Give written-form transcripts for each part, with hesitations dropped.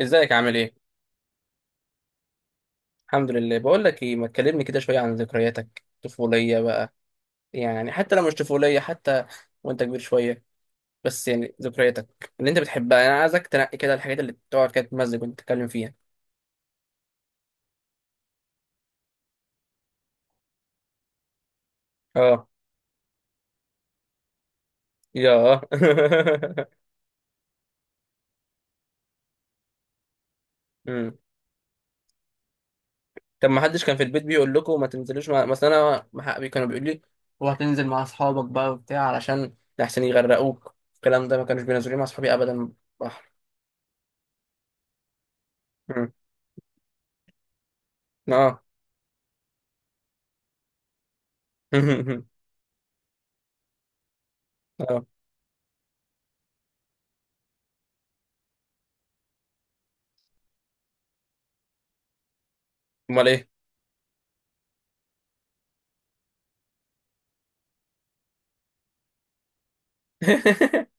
ازيك عامل ايه؟ الحمد لله. بقول لك ايه، ما تكلمني كده شويه عن ذكرياتك الطفوليه بقى. يعني حتى لو مش طفوليه حتى، وانت كبير شويه. بس يعني ذكرياتك اللي انت بتحبها، انا عايزك تنقي كده الحاجات اللي تقعد كده تمزج وانت تتكلم فيها. اه. يا امم. طب ما حدش كان في البيت بيقول لكم ما تنزلوش مع... مثلا انا مع حقي كانوا بيقول لي: هو هتنزل مع اصحابك بقى وبتاع علشان لحسن يغرقوك. الكلام ده ما كانوش بينزلوني مع اصحابي ابدا. بحر. امم. اه. اه، امال ايه.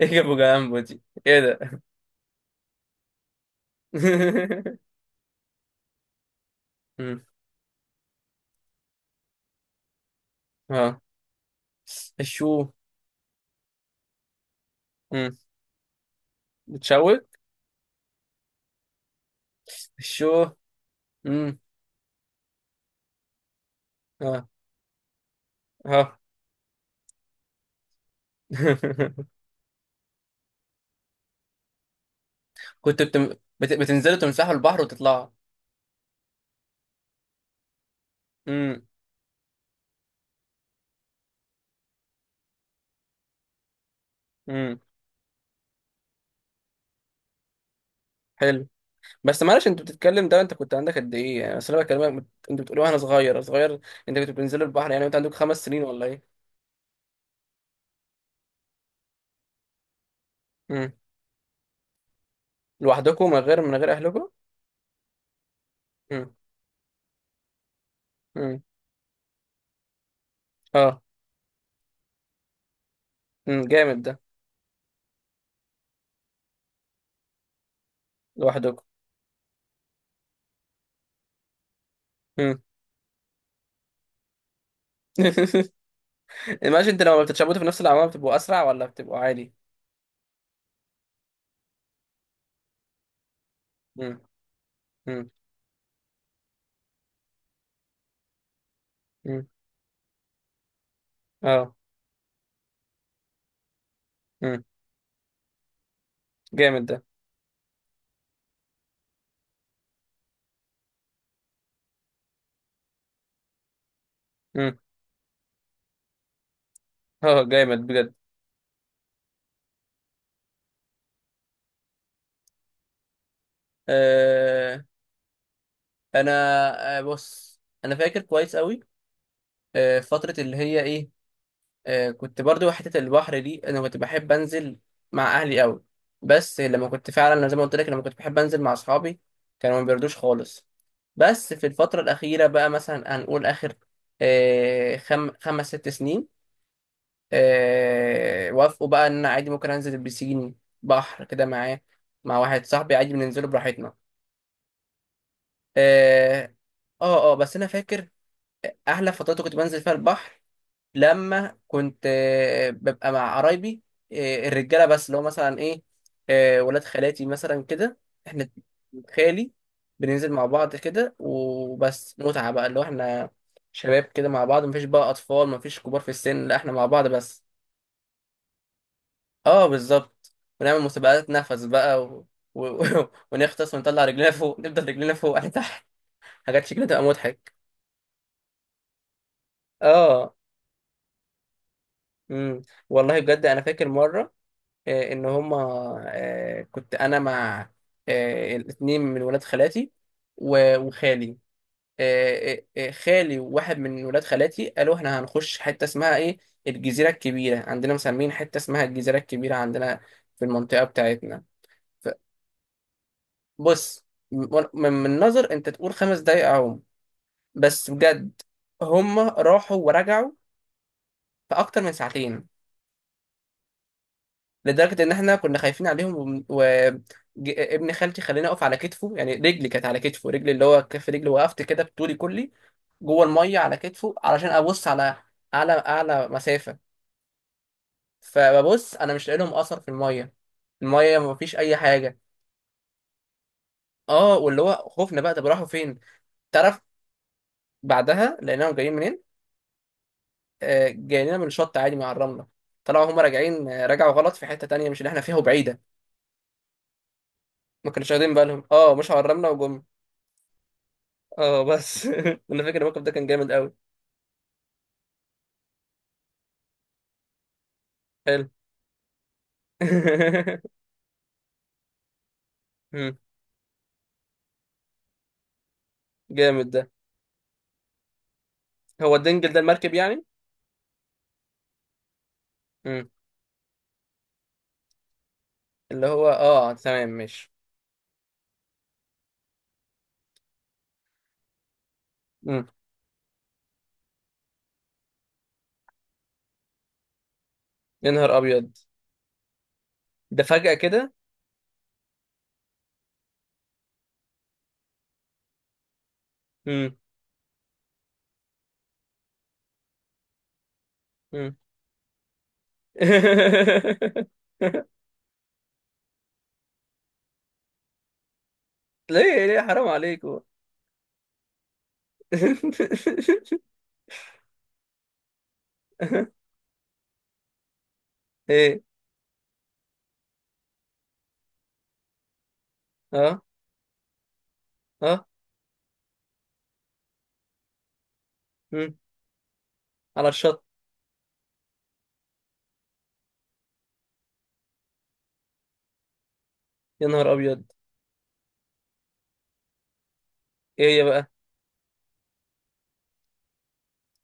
ايه ابو جامبو دي؟ ايه ده؟ مم. اه. الشو. مم. بتشوك. الشو. مم. اه اه. كنت بتم... بتنزلوا تمسحوا البحر وتطلعوا؟ مم. مم. حلو. بس معلش، انت بتتكلم، ده انت كنت عندك قد ايه يعني؟ اصل انا بكلمك، انت بتقول وانا صغير صغير. انت كنت بتنزلوا البحر، يعني انت عندك 5 سنين ولا ايه؟ مم. لوحدكم، من غير اهلكم. مم. مم. اه. مم. جامد ده. لوحدكم. مم. ماشي. انت لما بتتشابطوا في نفس العماره بتبقوا اسرع ولا بتبقوا عادي؟ امم. امم. امم. اه. امم. جامد ده. امم. اه. جامد بجد. آه. انا. بص، انا فاكر كويس قوي. فتره اللي هي ايه. كنت برضو حته البحر دي، انا كنت بحب انزل مع اهلي قوي. بس لما كنت فعلا زي ما قلت لك، لما كنت بحب انزل مع اصحابي كانوا ما بيردوش خالص. بس في الفتره الاخيره بقى، مثلا هنقول اخر خمس ست سنين، وافقوا بقى ان انا عادي ممكن انزل البسين. بحر كده معاه، مع واحد صاحبي، عادي بننزله براحتنا. اه اه. بس انا فاكر احلى فترات كنت بنزل فيها البحر لما كنت ببقى مع قرايبي. الرجاله بس اللي هو مثلا ايه. ولاد خالاتي مثلا كده. احنا. خالي. بننزل مع بعض كده، وبس متعه بقى، اللي هو احنا شباب كده مع بعض، مفيش بقى اطفال، مفيش كبار في السن، لا احنا مع بعض بس. اه، بالظبط. ونعمل مسابقات نفس بقى و... ونغطس ونطلع رجلينا فوق، نفضل رجلينا فوق وإحنا تحت. حاجات شكلها تبقى مضحك. اه. امم. والله بجد انا فاكر مره، ان هما، كنت انا مع الاتنين من ولاد خالاتي وخالي. خالي وواحد من ولاد خالاتي قالوا احنا هنخش حته اسمها ايه، الجزيره الكبيره. عندنا مسمين حته اسمها الجزيره الكبيره، عندنا في المنطقه بتاعتنا. بص، من نظر انت تقول 5 دقايق اهو، بس بجد هم راحوا ورجعوا في اكتر من ساعتين. لدرجه ان احنا كنا خايفين عليهم. وابن خالتي خلاني اقف على كتفه، يعني رجلي كانت على كتفه، رجلي اللي هو كف رجلي وقفت كده بطولي كلي جوه الميه على كتفه علشان ابص على اعلى اعلى مسافه. فببص انا مش لاقي لهم اثر في الميه. الميه ما فيش اي حاجه. اه، واللي هو خوفنا بقى، طب راحوا فين؟ تعرف، بعدها لقيناهم جايين منين؟ جاي لنا من شط عادي مع الرمله. طلعوا هم راجعين، رجعوا غلط في حته تانية مش اللي احنا فيها وبعيده. ما كانوش واخدين بالهم، مش على الرمله وجم. اه، بس انا فاكر الموقف ده كان جامد قوي. حلو. مم، جامد ده. هو الدنجل ده المركب يعني؟ مم. اللي هو تمام، ماشي. مم. يا نهار ابيض. ده فجأة كده؟ مم. مم. ليه ليه، حرام عليكم. ايه. اه اه. مم. على الشط. يا نهار ابيض. ايه يا بقى؟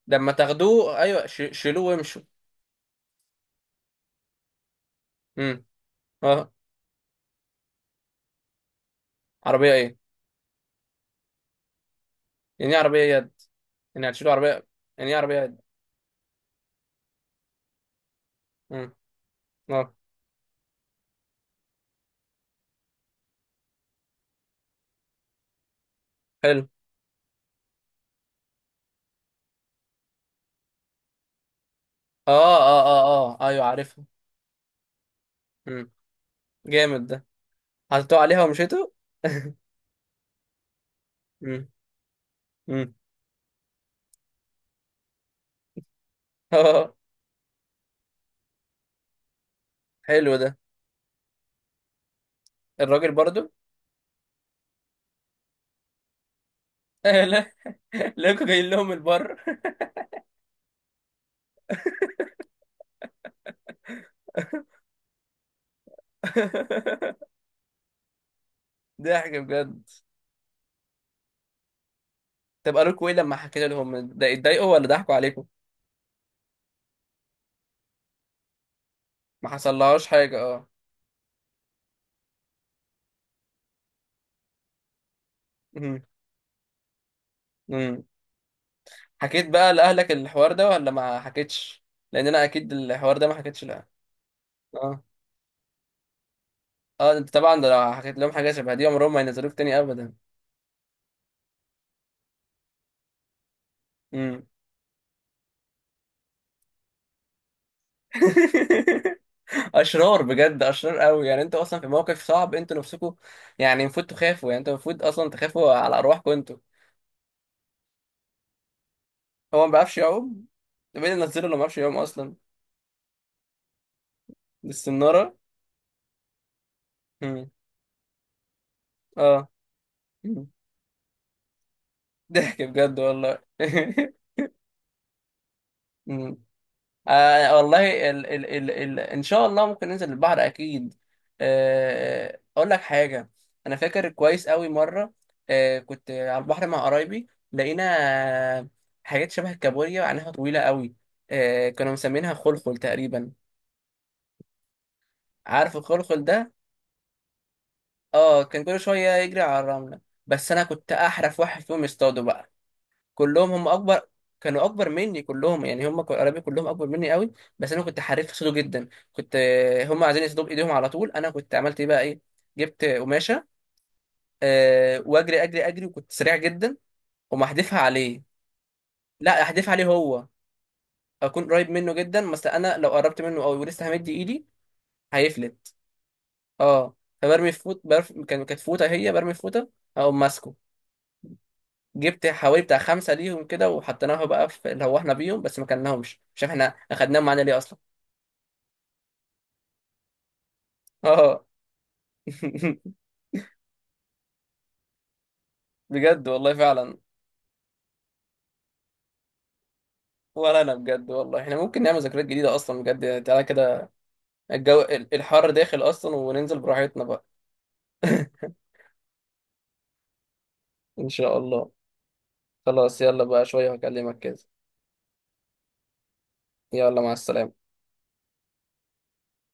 لما تاخدوه، ايوه، شيلوه وامشوا. امم. اه. عربيه ايه؟ يعني ايه عربيه يد؟ يعني هتشيلوا عربيه؟ يعني ايه عربيه يد؟ امم. اه. حلو. اه اه اه اه، ايوه عارفها. امم. جامد ده. حطيتوه عليها ومشيتوا. امم. امم. اه. اه، حلو ده. الراجل برضو لا، لقوا جايين لهم البر. ضحك بجد. طب قالوا لكم ايه لما حكيت لهم ده، اتضايقوا ولا ضحكوا عليكم؟ ما حصلهاش حاجه، اه. امم. امم. حكيت بقى لأهلك الحوار ده ولا ما حكيتش؟ لأن أنا أكيد الحوار ده ما حكيتش لأهلك. اه اه، انت طبعا ده لو حكيت لهم حاجة شبه دي عمرهم ما ينزلوك تاني أبدا. امم. اشرار بجد، اشرار قوي. يعني انتوا اصلا في موقف صعب انتوا نفسكم. يعني المفروض تخافوا. يعني انتوا المفروض اصلا تخافوا على ارواحكم انتوا. هو ما بيعرفش يعوم؟ ده مين اللي نزله اللي ما بيعرفش يعوم اصلا؟ دي السناره. امم. اه. مم. ضحك بجد والله. مم. والله، ال ال ال ال ان شاء الله ممكن ننزل البحر اكيد. اقول لك حاجه، انا فاكر كويس قوي مره، كنت على البحر مع قرايبي، لقينا آه، حاجات شبه الكابوريا وعينها طويله قوي. كانوا مسمينها خلخل تقريبا. عارف الخلخل ده؟ اه، كان كل شويه يجري على الرمله. بس انا كنت احرف واحد فيهم يصطاده بقى. كلهم هم اكبر، كانوا اكبر مني كلهم، يعني هم قرايبي كلهم اكبر مني قوي. بس انا كنت حريف في صيده جدا. كنت هم عايزين يصيدوا بايديهم على طول، انا كنت عملت ايه بقى ايه، جبت قماشه. واجري اجري اجري وكنت سريع جدا، وما احدفها عليه. لا احدفها عليه هو. اكون قريب منه جدا، بس انا لو قربت منه قوي ولسه همد ايدي هيفلت. اه. فبرمي في فوت برف... كان كانت فوطه، هي برمي في فوطه او ماسكه. جبت حوالي بتاع خمسه ليهم كده، وحطيناها بقى في اللي هو احنا بيهم، بس ما كلناهمش، مش عارف احنا اخدناهم معانا ليه اصلا. اه. بجد والله فعلا. ولا انا بجد والله احنا ممكن نعمل ذكريات جديده اصلا بجد، يعني تعالى كده، الجو الحر داخل اصلا، وننزل براحتنا بقى. ان شاء الله. خلاص، يلا بقى شويه هكلمك كده. يلا، مع السلامه.